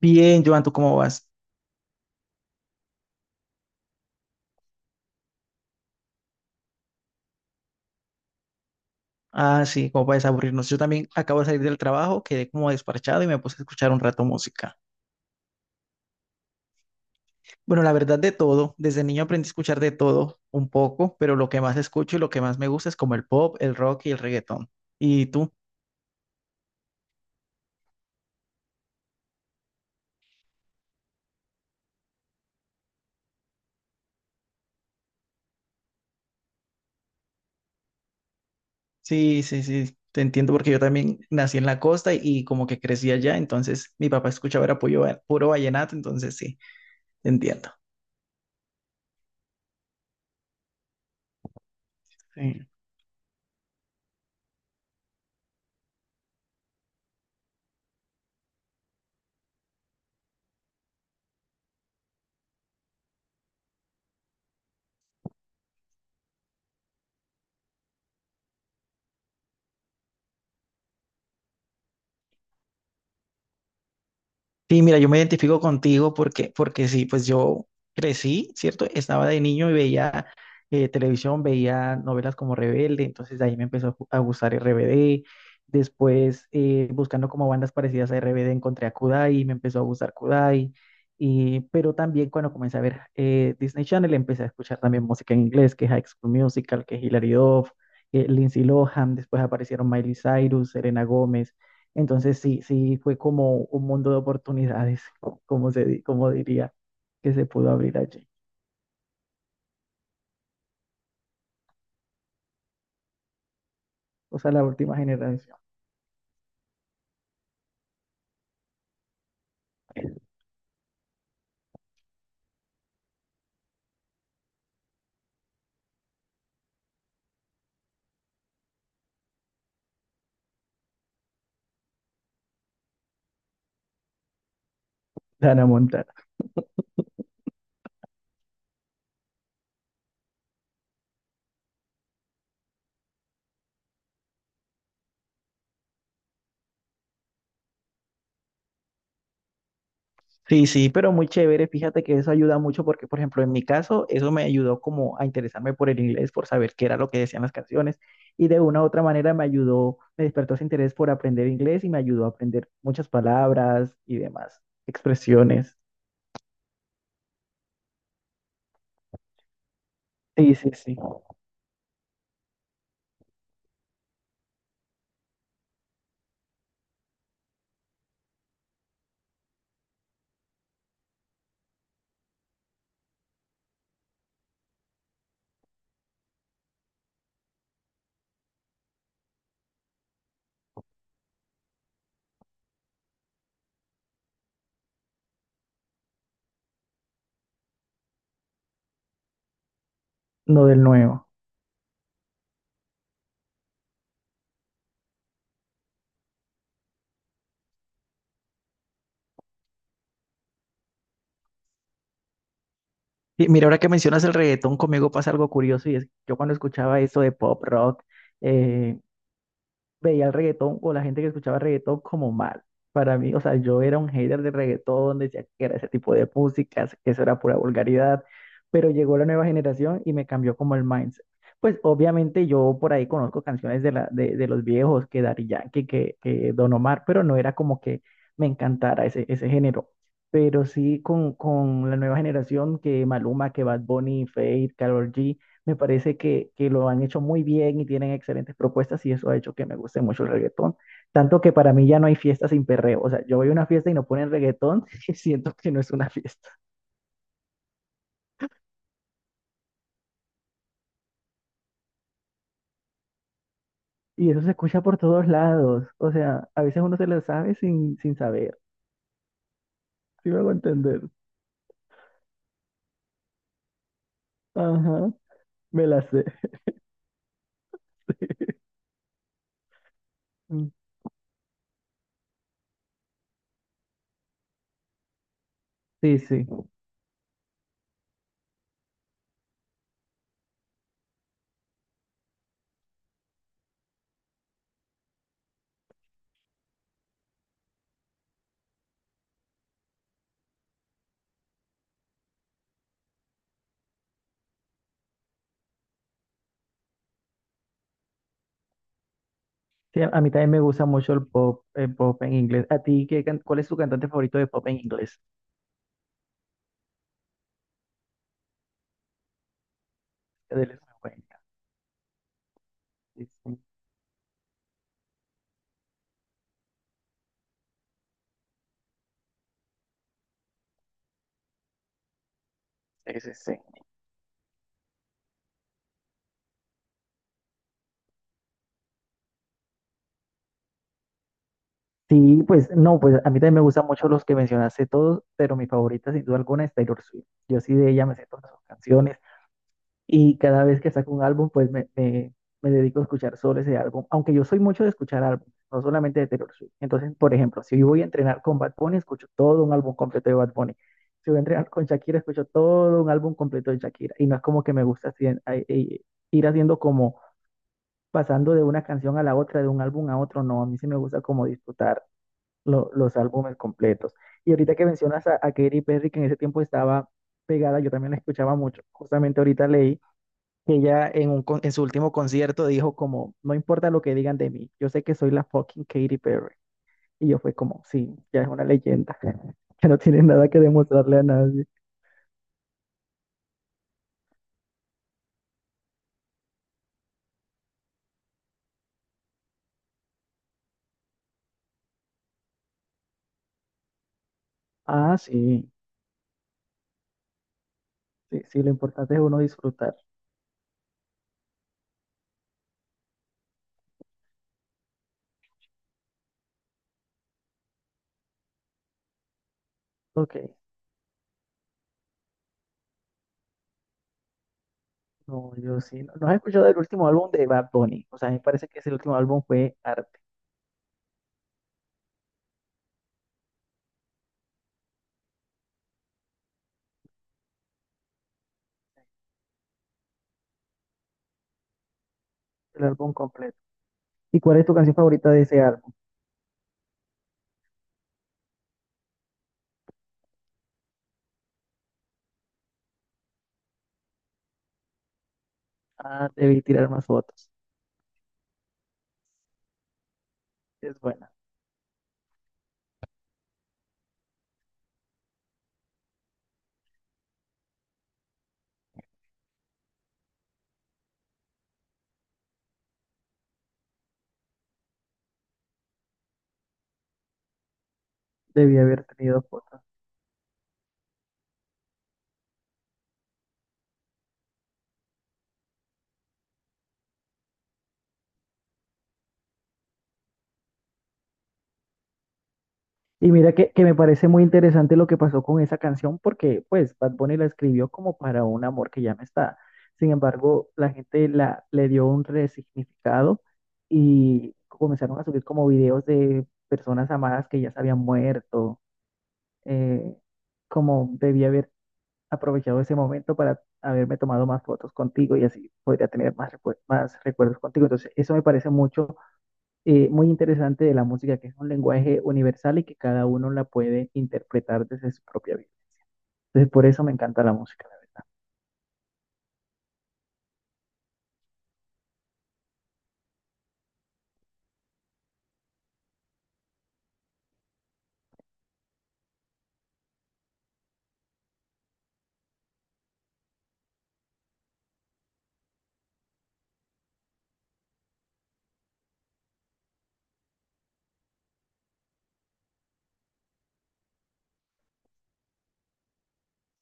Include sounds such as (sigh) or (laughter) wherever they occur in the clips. Bien, Joan, ¿tú cómo vas? Ah, sí, cómo puedes aburrirnos. Yo también acabo de salir del trabajo, quedé como desparchado y me puse a escuchar un rato música. Bueno, la verdad de todo, desde niño aprendí a escuchar de todo un poco, pero lo que más escucho y lo que más me gusta es como el pop, el rock y el reggaetón. ¿Y tú? Sí, sí, sí, te entiendo porque yo también nací en la costa y como que crecí allá, entonces mi papá escuchaba era puro, puro vallenato, entonces sí, te entiendo. Sí. Sí, mira, yo me identifico contigo porque sí, pues yo crecí, ¿cierto? Estaba de niño y veía televisión, veía novelas como Rebelde, entonces de ahí me empezó a a gustar RBD. Después, buscando como bandas parecidas a RBD, encontré a Kudai, me empezó a gustar Kudai. Y, pero también cuando comencé a ver Disney Channel, empecé a escuchar también música en inglés, que High School Musical, que Hilary Duff, Lindsay Lohan, después aparecieron Miley Cyrus, Serena Gómez. Entonces sí, sí fue como un mundo de oportunidades, como se, como diría, que se pudo abrir allí. O sea, la última generación de Ana Montana. Sí, sí, pero muy chévere. Fíjate que eso ayuda mucho porque, por ejemplo, en mi caso, eso me ayudó como a interesarme por el inglés, por saber qué era lo que decían las canciones. Y de una u otra manera me ayudó, me despertó ese interés por aprender inglés y me ayudó a aprender muchas palabras y demás, expresiones. Sí, sí, sí, lo del nuevo. Y mira, ahora que mencionas el reggaetón, conmigo pasa algo curioso y es que yo cuando escuchaba eso de pop rock, eh, veía el reggaetón o la gente que escuchaba reggaetón como mal. Para mí, o sea, yo era un hater de reggaetón, decía que era ese tipo de músicas, que eso era pura vulgaridad, pero llegó la nueva generación y me cambió como el mindset. Pues obviamente yo por ahí conozco canciones de, la, de los viejos, que Daddy Yankee, que Don Omar, pero no era como que me encantara ese, ese género. Pero sí con la nueva generación, que Maluma, que Bad Bunny, Feid, Karol G, me parece que lo han hecho muy bien y tienen excelentes propuestas y eso ha hecho que me guste mucho el reggaetón. Tanto que para mí ya no hay fiesta sin perreo. O sea, yo voy a una fiesta y no ponen reggaetón (laughs) y siento que no es una fiesta. Y eso se escucha por todos lados. O sea, a veces uno se lo sabe sin, sin saber. Sí me hago entender. Ajá, me la sé. Mm. Sí, sí. Sí, a mí también me gusta mucho el pop en inglés. ¿A ti qué, cuál es tu cantante favorito de pop en inglés? Adele es muy buena. Sí, sí. Sí, sí, sí. Sí, pues no, pues a mí también me gustan mucho los que mencionaste todos, pero mi favorita sin duda alguna es Taylor Swift. Yo sí de ella me sé todas sus canciones y cada vez que saco un álbum, pues me, me dedico a escuchar solo ese álbum, aunque yo soy mucho de escuchar álbumes, no solamente de Taylor Swift. Entonces, por ejemplo, si yo voy a entrenar con Bad Bunny, escucho todo un álbum completo de Bad Bunny. Si voy a entrenar con Shakira, escucho todo un álbum completo de Shakira. Y no es como que me gusta así, ir haciendo como pasando de una canción a la otra, de un álbum a otro, no, a mí sí me gusta como disfrutar los álbumes completos. Y ahorita que mencionas a Katy Perry, que en ese tiempo estaba pegada, yo también la escuchaba mucho. Justamente ahorita leí que ella en, un, en su último concierto dijo como, no importa lo que digan de mí, yo sé que soy la fucking Katy Perry. Y yo fue como, sí, ya es una leyenda, (laughs) que no tiene nada que demostrarle a nadie. Ah, sí, sí, sí, lo importante es uno disfrutar. Ok, no, yo sí. ¿No, no has escuchado el último álbum de Bad Bunny? O sea, me parece que ese último álbum fue arte, el álbum completo. ¿Y cuál es tu canción favorita de ese álbum? Ah, debí tirar más fotos. Es buena. Debí haber tenido fotos. Y mira que me parece muy interesante lo que pasó con esa canción porque pues Bad Bunny la escribió como para un amor que ya no está. Sin embargo, la gente la, le dio un resignificado y comenzaron a subir como videos de personas amadas que ya se habían muerto. eh, como debí haber aprovechado ese momento para haberme tomado más fotos contigo y así podría tener más, más recuerdos contigo. Entonces, eso me parece mucho muy interesante de la música, que es un lenguaje universal y que cada uno la puede interpretar desde su propia vida. Entonces, por eso me encanta la música, la verdad.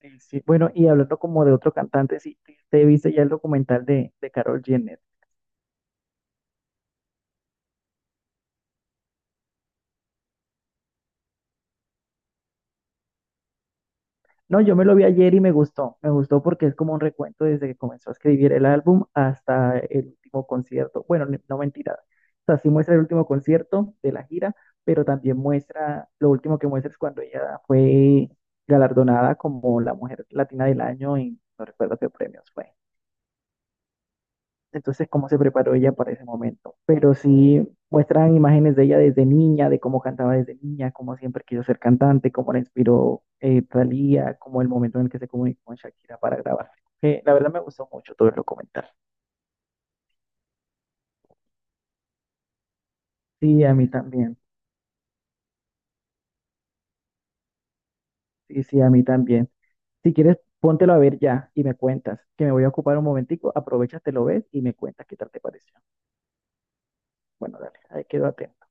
Sí, bueno, y hablando como de otro cantante, sí, te viste ya el documental de Karol jenner. No, yo me lo vi ayer y me gustó. Me gustó porque es como un recuento desde que comenzó a escribir el álbum hasta el último concierto. Bueno, no mentira. O sea, sí muestra el último concierto de la gira, pero también muestra, lo último que muestra es cuando ella fue galardonada como la mujer latina del año y no recuerdo qué premios fue. Entonces, cómo se preparó ella para ese momento. Pero sí muestran imágenes de ella desde niña, de cómo cantaba desde niña, cómo siempre quiso ser cantante, cómo la inspiró Thalía, como el momento en el que se comunicó con Shakira para grabar. La verdad me gustó mucho todo el documental. Sí, a mí también. Sí, sí, a mí también. Si quieres, póntelo a ver ya y me cuentas, que me voy a ocupar un momentico, aprovechas, te lo ves y me cuentas qué tal te pareció. Bueno, dale, ahí quedo atento.